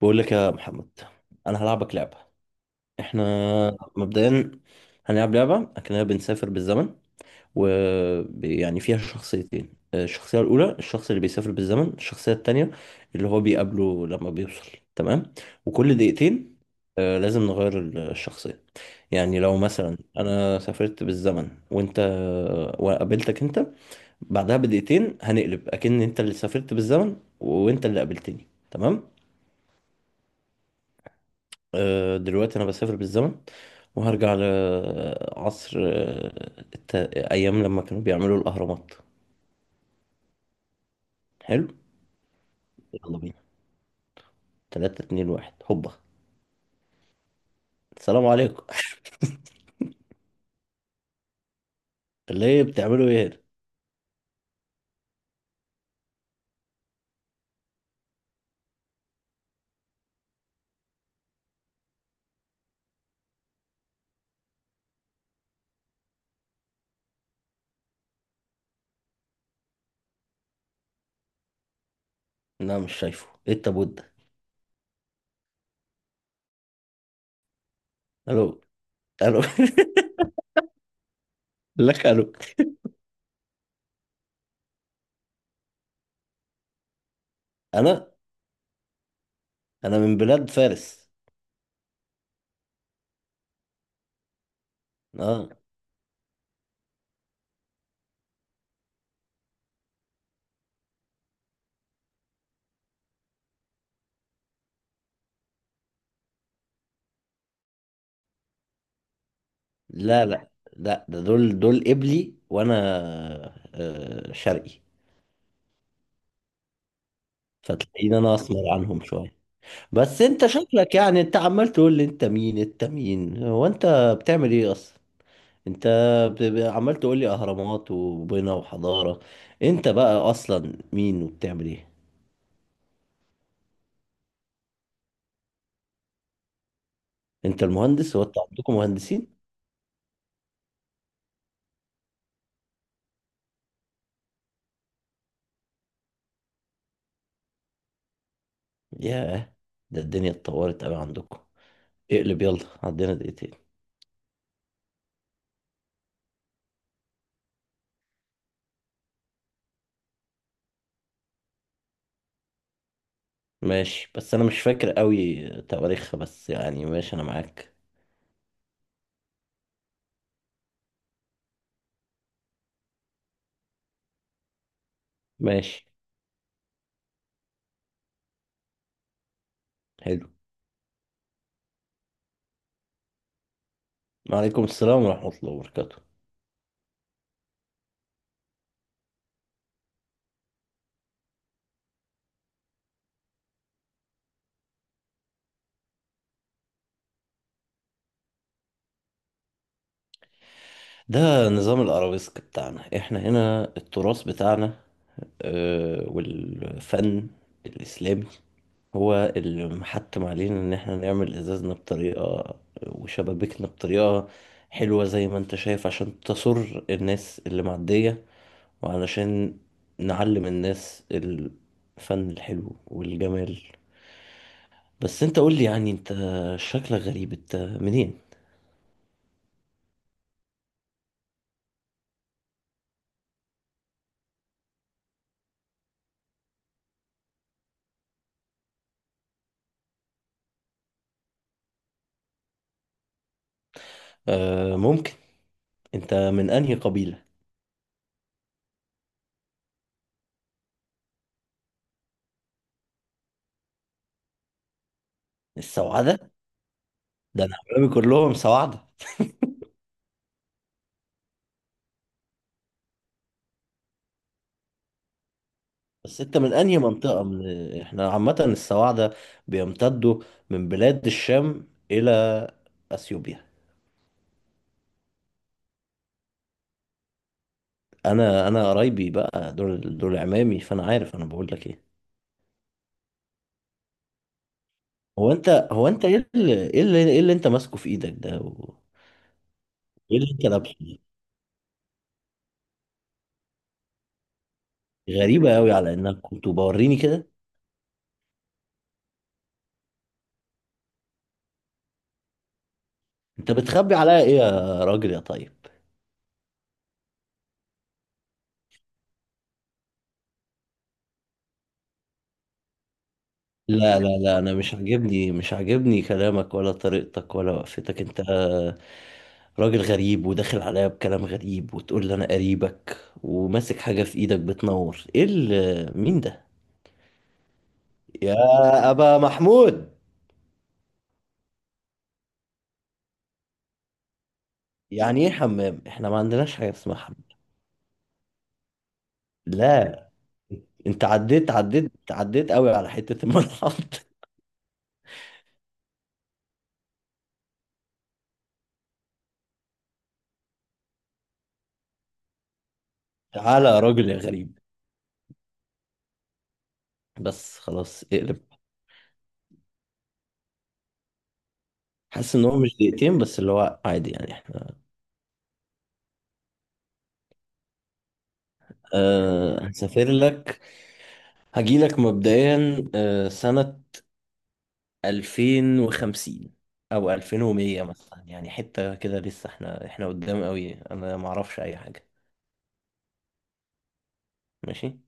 بقول لك يا محمد، انا هلعبك لعبه. احنا مبدئيا هنلعب لعبه اكننا بنسافر بالزمن، ويعني فيها شخصيتين. الشخصيه الاولى الشخص اللي بيسافر بالزمن، الشخصيه التانية اللي هو بيقابله لما بيوصل. تمام؟ وكل دقيقتين لازم نغير الشخصيه. يعني لو مثلا انا سافرت بالزمن وانت وقابلتك انت، بعدها بدقيقتين هنقلب اكن انت اللي سافرت بالزمن وانت اللي قابلتني. تمام؟ دلوقتي انا بسافر بالزمن وهرجع لعصر الت... ايام لما كانوا بيعملوا الاهرامات. حلو. يلا بينا. 3 2 1 هوبا. السلام عليكم. ليه؟ بتعملوا ايه هنا؟ لا، مش شايفه. ايه التابوت ده؟ الو؟ الو؟ لك الو. انا انا من بلاد فارس. اه. لا لا لا، ده دول قبلي، وانا شرقي، فتلاقيني انا اسمر عنهم شويه. بس انت شكلك يعني، انت عمال تقول لي انت مين انت مين، هو انت بتعمل ايه اصلا؟ انت عمال تقول لي اهرامات وبنا وحضارة، انت بقى اصلا مين وبتعمل ايه؟ انت المهندس؟ هو انتوا عندكم مهندسين؟ ياه، ده الدنيا اتطورت قوي عندكم. اقلب، يلا، عندنا دقيقتين. ماشي، بس انا مش فاكر قوي تواريخها، بس يعني ماشي، انا معاك. ماشي. حلو. وعليكم السلام ورحمة الله وبركاته. ده نظام الأرابيسك بتاعنا احنا هنا، التراث بتاعنا والفن الإسلامي هو اللي محتم علينا إن احنا نعمل إزازنا بطريقة، وشبابيكنا بطريقة حلوة زي ما انت شايف، عشان تسر الناس اللي معدية، وعلشان نعلم الناس الفن الحلو والجمال. بس انت قول لي، يعني انت شكلك غريب، انت منين؟ آه ممكن. انت من انهي قبيلة؟ السوعدة؟ ده انا عمامي كلهم سوعدة. بس انت من انهي منطقة؟ من احنا عامة السواعدة بيمتدوا من بلاد الشام الى اثيوبيا. انا قرايبي بقى دول، دول عمامي، فانا عارف انا بقول لك ايه. هو انت، إيه اللي انت ماسكه في ايدك ده ايه اللي انت لابسه ده؟ غريبة قوي، على انك كنت بوريني كده. انت بتخبي عليا ايه يا راجل يا طيب؟ لا لا لا، انا مش عاجبني، كلامك ولا طريقتك ولا وقفتك. انت راجل غريب وداخل عليا بكلام غريب، وتقول لي انا قريبك، وماسك حاجة في ايدك بتنور. ايه مين ده يا ابا محمود؟ يعني ايه حمام؟ احنا ما عندناش حاجة اسمها حمام. لا، انت عديت عديت عديت قوي على حتة الملحق. تعالى يا راجل يا غريب. بس خلاص، اقلب. حاسس ان هو مش دقيقتين، بس اللي هو عادي، يعني احنا. أه هسافر لك. هجيلك مبدئيا سنة 2050 أو 2100 مثلا، يعني حتة كده لسه، احنا قدام قوي، أنا معرفش أي حاجة. ماشي.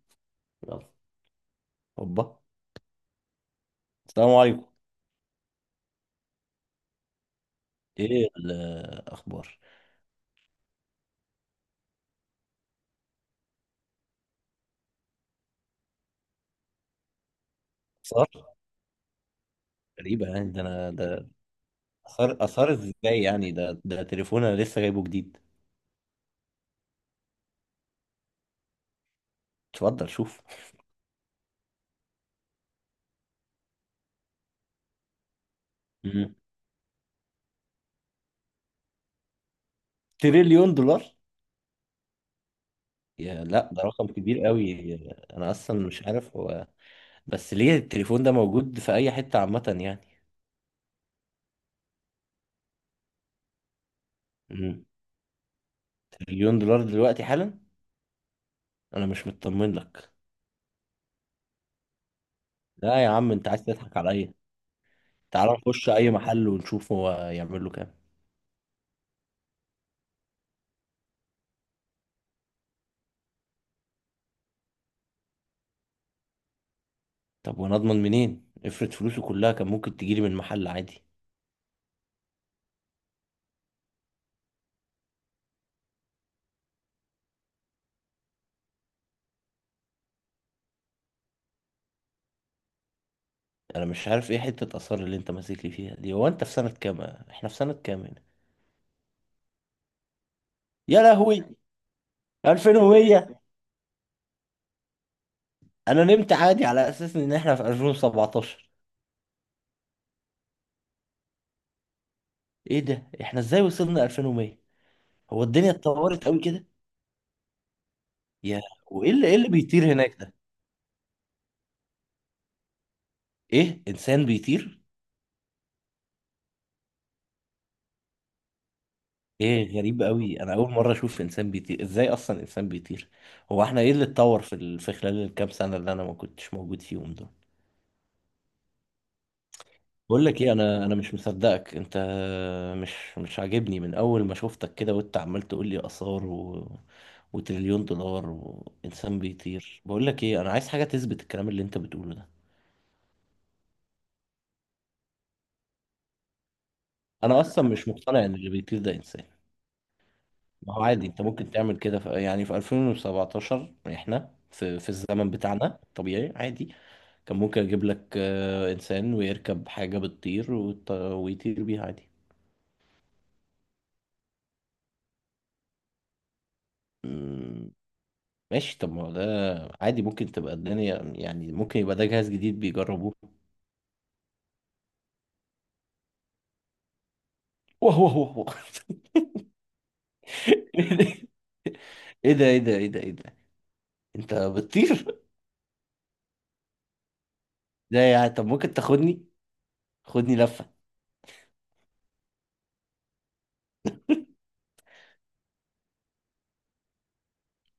يلا. هوبا. السلام عليكم. إيه الأخبار؟ صار. غريبة يعني، ده أنا ده أثار؟ أثار إزاي يعني؟ ده تليفون، أنا لسه جايبه جديد. اتفضل شوف. مم. تريليون دولار؟ يا لا، ده رقم كبير قوي. انا اصلا مش عارف هو، بس ليه التليفون ده موجود في اي حتة عامة يعني؟ مم. تريليون دولار دلوقتي حالا؟ انا مش مطمن لك. لا يا عم، انت عايز تضحك على ايه؟ تعال نخش اي محل ونشوف هو يعمل له كام. طب وانا اضمن منين؟ افرض فلوسه كلها كان ممكن تجيلي من محل عادي. انا مش عارف ايه حتة اثار اللي انت ماسك لي فيها دي؟ هو انت في سنة كام؟ احنا في سنة كام هنا؟ يا لهوي، 2100؟ انا نمت عادي على اساس ان احنا في 2017. ايه ده؟ احنا ازاي وصلنا 2100؟ هو الدنيا اتطورت قوي كده؟ يا، وايه اللي ايه اللي بيطير هناك ده؟ ايه، انسان بيطير؟ ايه غريب قوي، انا اول مره اشوف انسان بيطير. ازاي اصلا انسان بيطير؟ هو احنا ايه اللي اتطور في خلال الكام سنه اللي انا ما كنتش موجود فيهم دول؟ بقول لك ايه، انا مش مصدقك. انت مش عاجبني من اول ما شفتك كده، وانت عمال تقول لي اثار وتريليون دولار وانسان بيطير. بقول لك ايه، انا عايز حاجه تثبت الكلام اللي انت بتقوله ده. انا اصلا مش مقتنع ان اللي بيطير ده انسان. ما هو عادي انت ممكن تعمل كده يعني في 2017 احنا في الزمن بتاعنا طبيعي عادي، كان ممكن اجيب لك انسان ويركب حاجة بتطير ويطير بيها عادي. مم، ماشي، طب ما هو ده عادي، ممكن تبقى الدنيا، يعني ممكن يبقى ده جهاز جديد بيجربوه. واه واه واه واه. ايه ده ايه ده ايه ده ايه ده، انت بتطير؟ ده يعني، طب ممكن تاخدني؟ خدني لفة.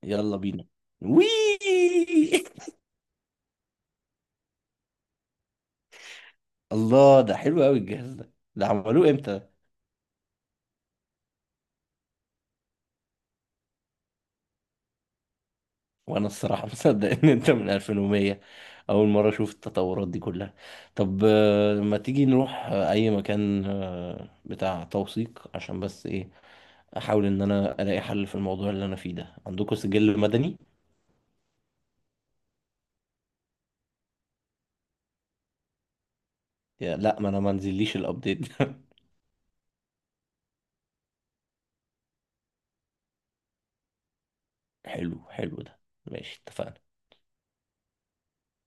يلا بينا. وي. الله، ده حلو قوي الجهاز ده، ده عملوه امتى؟ وانا الصراحة مصدق ان انت من 2100، اول مرة اشوف التطورات دي كلها. طب ما تيجي نروح اي مكان بتاع توثيق، عشان بس ايه، احاول ان انا الاقي حل في الموضوع اللي انا فيه ده. عندكم سجل مدني؟ يا لا، ما انا ما نزليش الابديت ده. حلو، حلو ده. ماشي، اتفقنا.